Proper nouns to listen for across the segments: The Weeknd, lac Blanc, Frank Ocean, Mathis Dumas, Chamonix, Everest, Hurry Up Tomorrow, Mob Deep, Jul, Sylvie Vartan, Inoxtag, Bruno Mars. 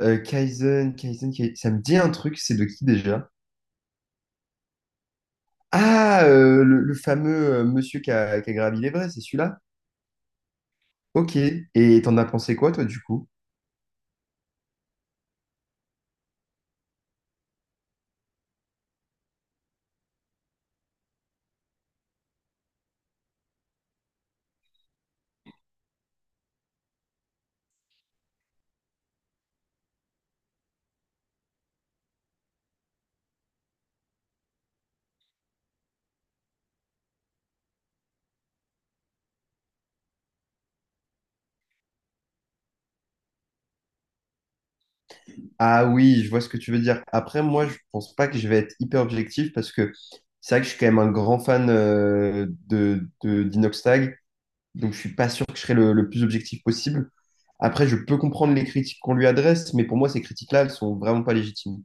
Kaizen, Kaizen, Kai- ça me dit un truc, c'est de qui déjà? Ah, le fameux monsieur qui a gravi l'Everest, c'est celui-là? Ok. Et t'en as pensé quoi, toi, du coup? Ah oui, je vois ce que tu veux dire. Après, moi, je pense pas que je vais être hyper objectif parce que c'est vrai que je suis quand même un grand fan d'Inoxtag, donc je suis pas sûr que je serai le plus objectif possible. Après, je peux comprendre les critiques qu'on lui adresse, mais pour moi, ces critiques-là, elles sont vraiment pas légitimes.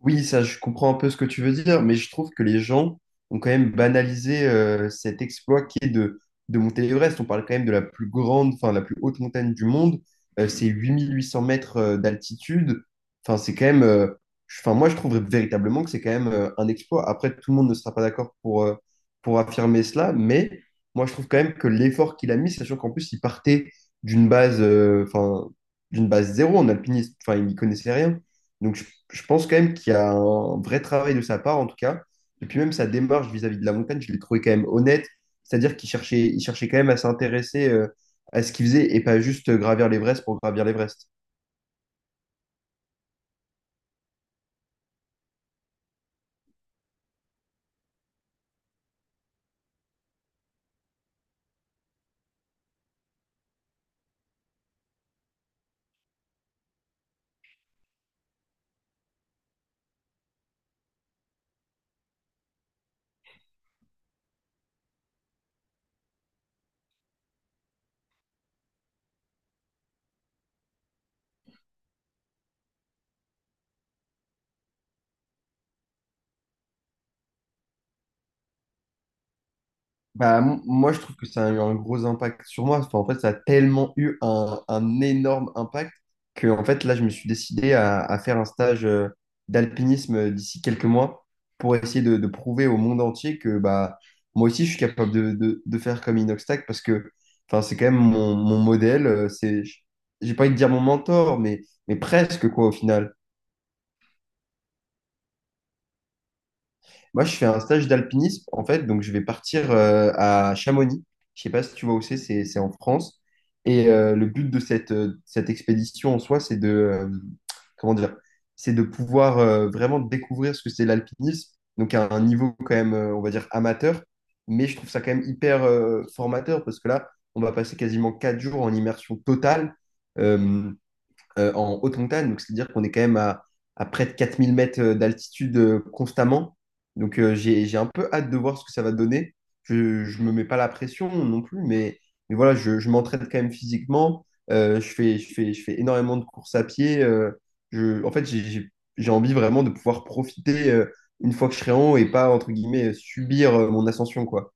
Oui, ça, je comprends un peu ce que tu veux dire, mais je trouve que les gens ont quand même banalisé cet exploit qui est de monter l'Everest. On parle quand même de la plus grande, enfin, la plus haute montagne du monde. C'est 8 800 mètres d'altitude. Enfin, c'est quand même. Je- Enfin, moi, je trouve véritablement que c'est quand même un exploit. Après, tout le monde ne sera pas d'accord pour affirmer cela, mais moi, je trouve quand même que l'effort qu'il a mis, sachant qu'en plus, il partait d'une base, euh, enfin, d'une base zéro en alpinisme. Enfin, il n'y connaissait rien. Donc, je, je pense quand même qu'il y a un vrai travail de sa part, en tout cas. Et puis même sa démarche vis-à-vis de la montagne, je l'ai trouvé quand même honnête. C'est-à-dire qu'il cherchait quand même à s'intéresser à ce qu'il faisait et pas juste gravir l'Everest pour gravir l'Everest. Bah, moi, je trouve que ça a eu un gros impact sur moi. Enfin, en fait, ça a tellement eu un énorme impact que, en fait, là, je me suis décidé à faire un stage d'alpinisme d'ici quelques mois pour essayer de prouver au monde entier que bah, moi aussi, je suis capable de faire comme Inoxtag parce que enfin, c'est quand même mon modèle. J'ai pas envie de dire mon mentor, mais presque, quoi, au final. Moi, je fais un stage d'alpinisme, en fait, donc je vais partir à Chamonix. Je sais pas si tu vois où c'est, c'est en France. Et le but de cette expédition en soi, c'est de, comment dire, c'est de pouvoir vraiment découvrir ce que c'est l'alpinisme, donc à un niveau quand même, on va dire, amateur. Mais je trouve ça quand même hyper formateur parce que là, on va passer quasiment 4 jours en immersion totale. Euh, En haute montagne. Donc, c'est-à-dire qu'on est quand même à près de 4 000 mètres d'altitude constamment. Donc, j'ai un peu hâte de voir ce que ça va donner. Je ne me mets pas la pression non plus, mais voilà, je m'entraîne quand même physiquement. Je fais énormément de courses à pied. Je, en fait, j'ai- J'ai envie vraiment de pouvoir profiter une fois que je serai en haut et pas, entre guillemets, subir mon ascension, quoi.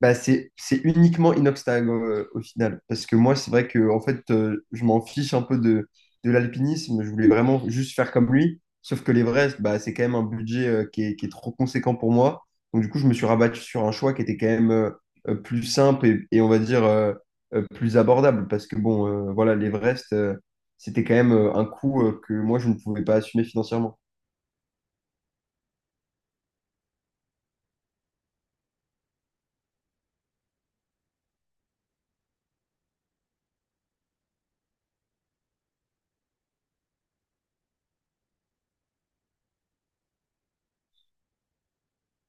Bah, c'est uniquement Inoxtag au final. Parce que moi, c'est vrai que en fait, je m'en fiche un peu de l'alpinisme. Je voulais vraiment juste faire comme lui. Sauf que l'Everest, bah, c'est quand même un budget qui est trop conséquent pour moi. Donc, du coup, je me suis rabattu sur un choix qui était quand même plus simple et on va dire plus abordable. Parce que bon, voilà, l'Everest, c'était quand même un coût que moi, je ne pouvais pas assumer financièrement.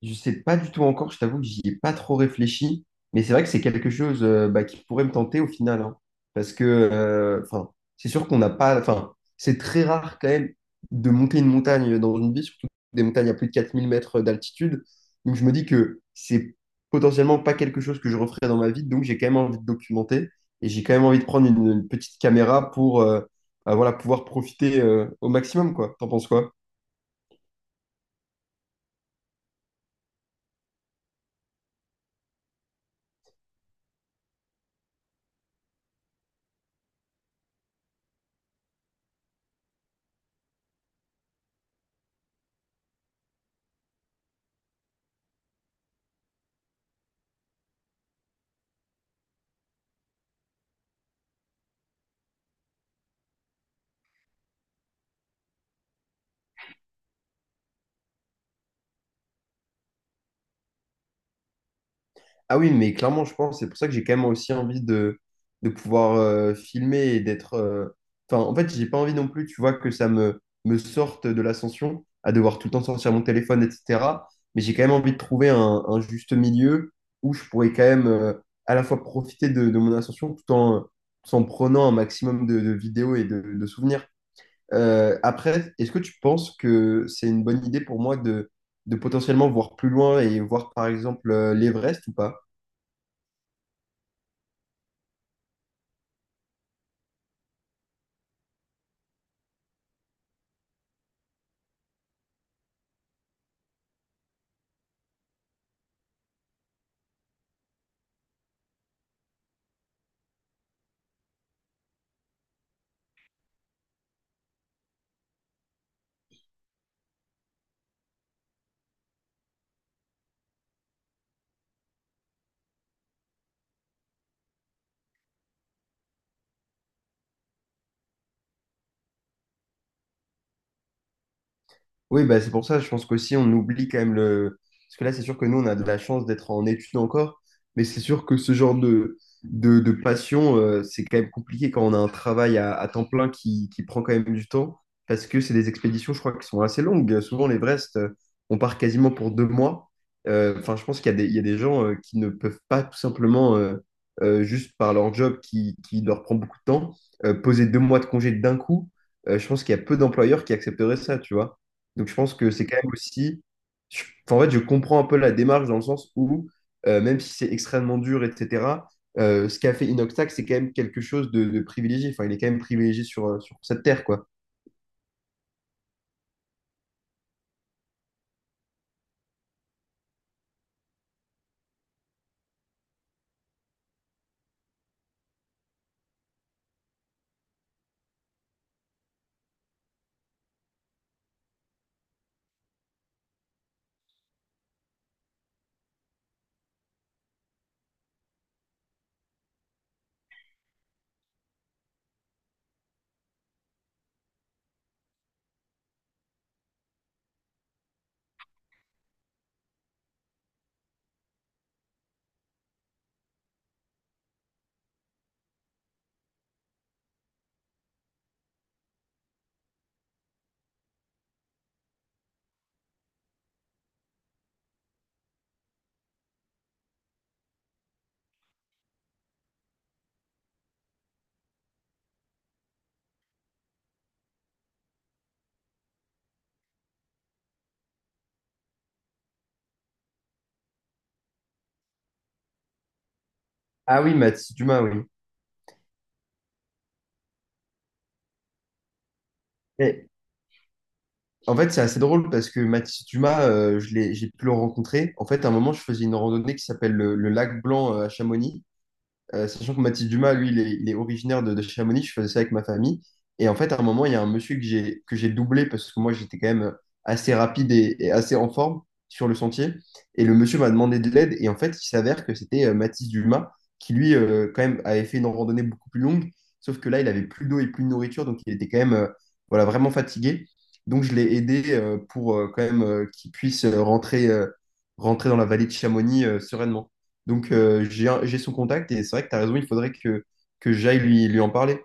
Je sais pas du tout encore, je t'avoue que j'y ai pas trop réfléchi, mais c'est vrai que c'est quelque chose bah, qui pourrait me tenter au final, hein. Parce que enfin, c'est sûr qu'on n'a pas, enfin, c'est très rare quand même de monter une montagne dans une vie, surtout des montagnes à plus de 4 000 mètres d'altitude. Donc je me dis que c'est potentiellement pas quelque chose que je referai dans ma vie, donc j'ai quand même envie de documenter et j'ai quand même envie de prendre une petite caméra pour bah, voilà, pouvoir profiter au maximum, quoi. T'en penses quoi? Ah oui, mais clairement, je pense, c'est pour ça que j'ai quand même aussi envie de pouvoir filmer et enfin, en fait, j'ai pas envie non plus, tu vois, que ça me sorte de l'ascension, à devoir tout le temps sortir mon téléphone, etc. Mais j'ai quand même envie de trouver un juste milieu où je pourrais quand même à la fois profiter de mon ascension tout en, tout en prenant un maximum de vidéos et de souvenirs. Après, est-ce que tu penses que c'est une bonne idée pour moi de potentiellement voir plus loin et voir, par exemple, l'Everest ou pas? Oui, bah, c'est pour ça, je pense qu'aussi on oublie quand même le... Parce que là, c'est sûr que nous, on a de la chance d'être en études encore, mais c'est sûr que ce genre de passion, c'est quand même compliqué quand on a un travail à temps plein qui prend quand même du temps, parce que c'est des expéditions, je crois, qui sont assez longues. Souvent, l'Everest, on part quasiment pour 2 mois. Enfin, je pense qu'il y a il y a des gens qui ne peuvent pas tout simplement, juste par leur job qui leur prend beaucoup de temps, poser 2 mois de congé d'un coup. Je pense qu'il y a peu d'employeurs qui accepteraient ça, tu vois. Donc je pense que c'est quand même aussi... enfin, en fait, je comprends un peu la démarche dans le sens où, même si c'est extrêmement dur, etc., ce qu'a fait Inoxtag, c'est quand même quelque chose de privilégié. Enfin, il est quand même privilégié sur, sur cette terre, quoi. Ah oui, Mathis Dumas, oui. Et en fait, c'est assez drôle parce que Mathis Dumas, j'ai pu le rencontrer. En fait, à un moment, je faisais une randonnée qui s'appelle le lac Blanc à Chamonix. Sachant que Mathis Dumas, lui, il est originaire de Chamonix, je faisais ça avec ma famille. Et en fait, à un moment, il y a un monsieur que j'ai doublé parce que moi, j'étais quand même assez rapide et assez en forme sur le sentier. Et le monsieur m'a demandé de l'aide. Et en fait, il s'avère que c'était Mathis Dumas qui, lui, quand même, avait fait une randonnée beaucoup plus longue. Sauf que là, il avait plus d'eau et plus de nourriture. Donc, il était quand même voilà, vraiment fatigué. Donc, je l'ai aidé pour quand même qu'il puisse rentrer dans la vallée de Chamonix sereinement. Donc, j'ai son contact et c'est vrai que tu as raison, il faudrait que j'aille lui en parler.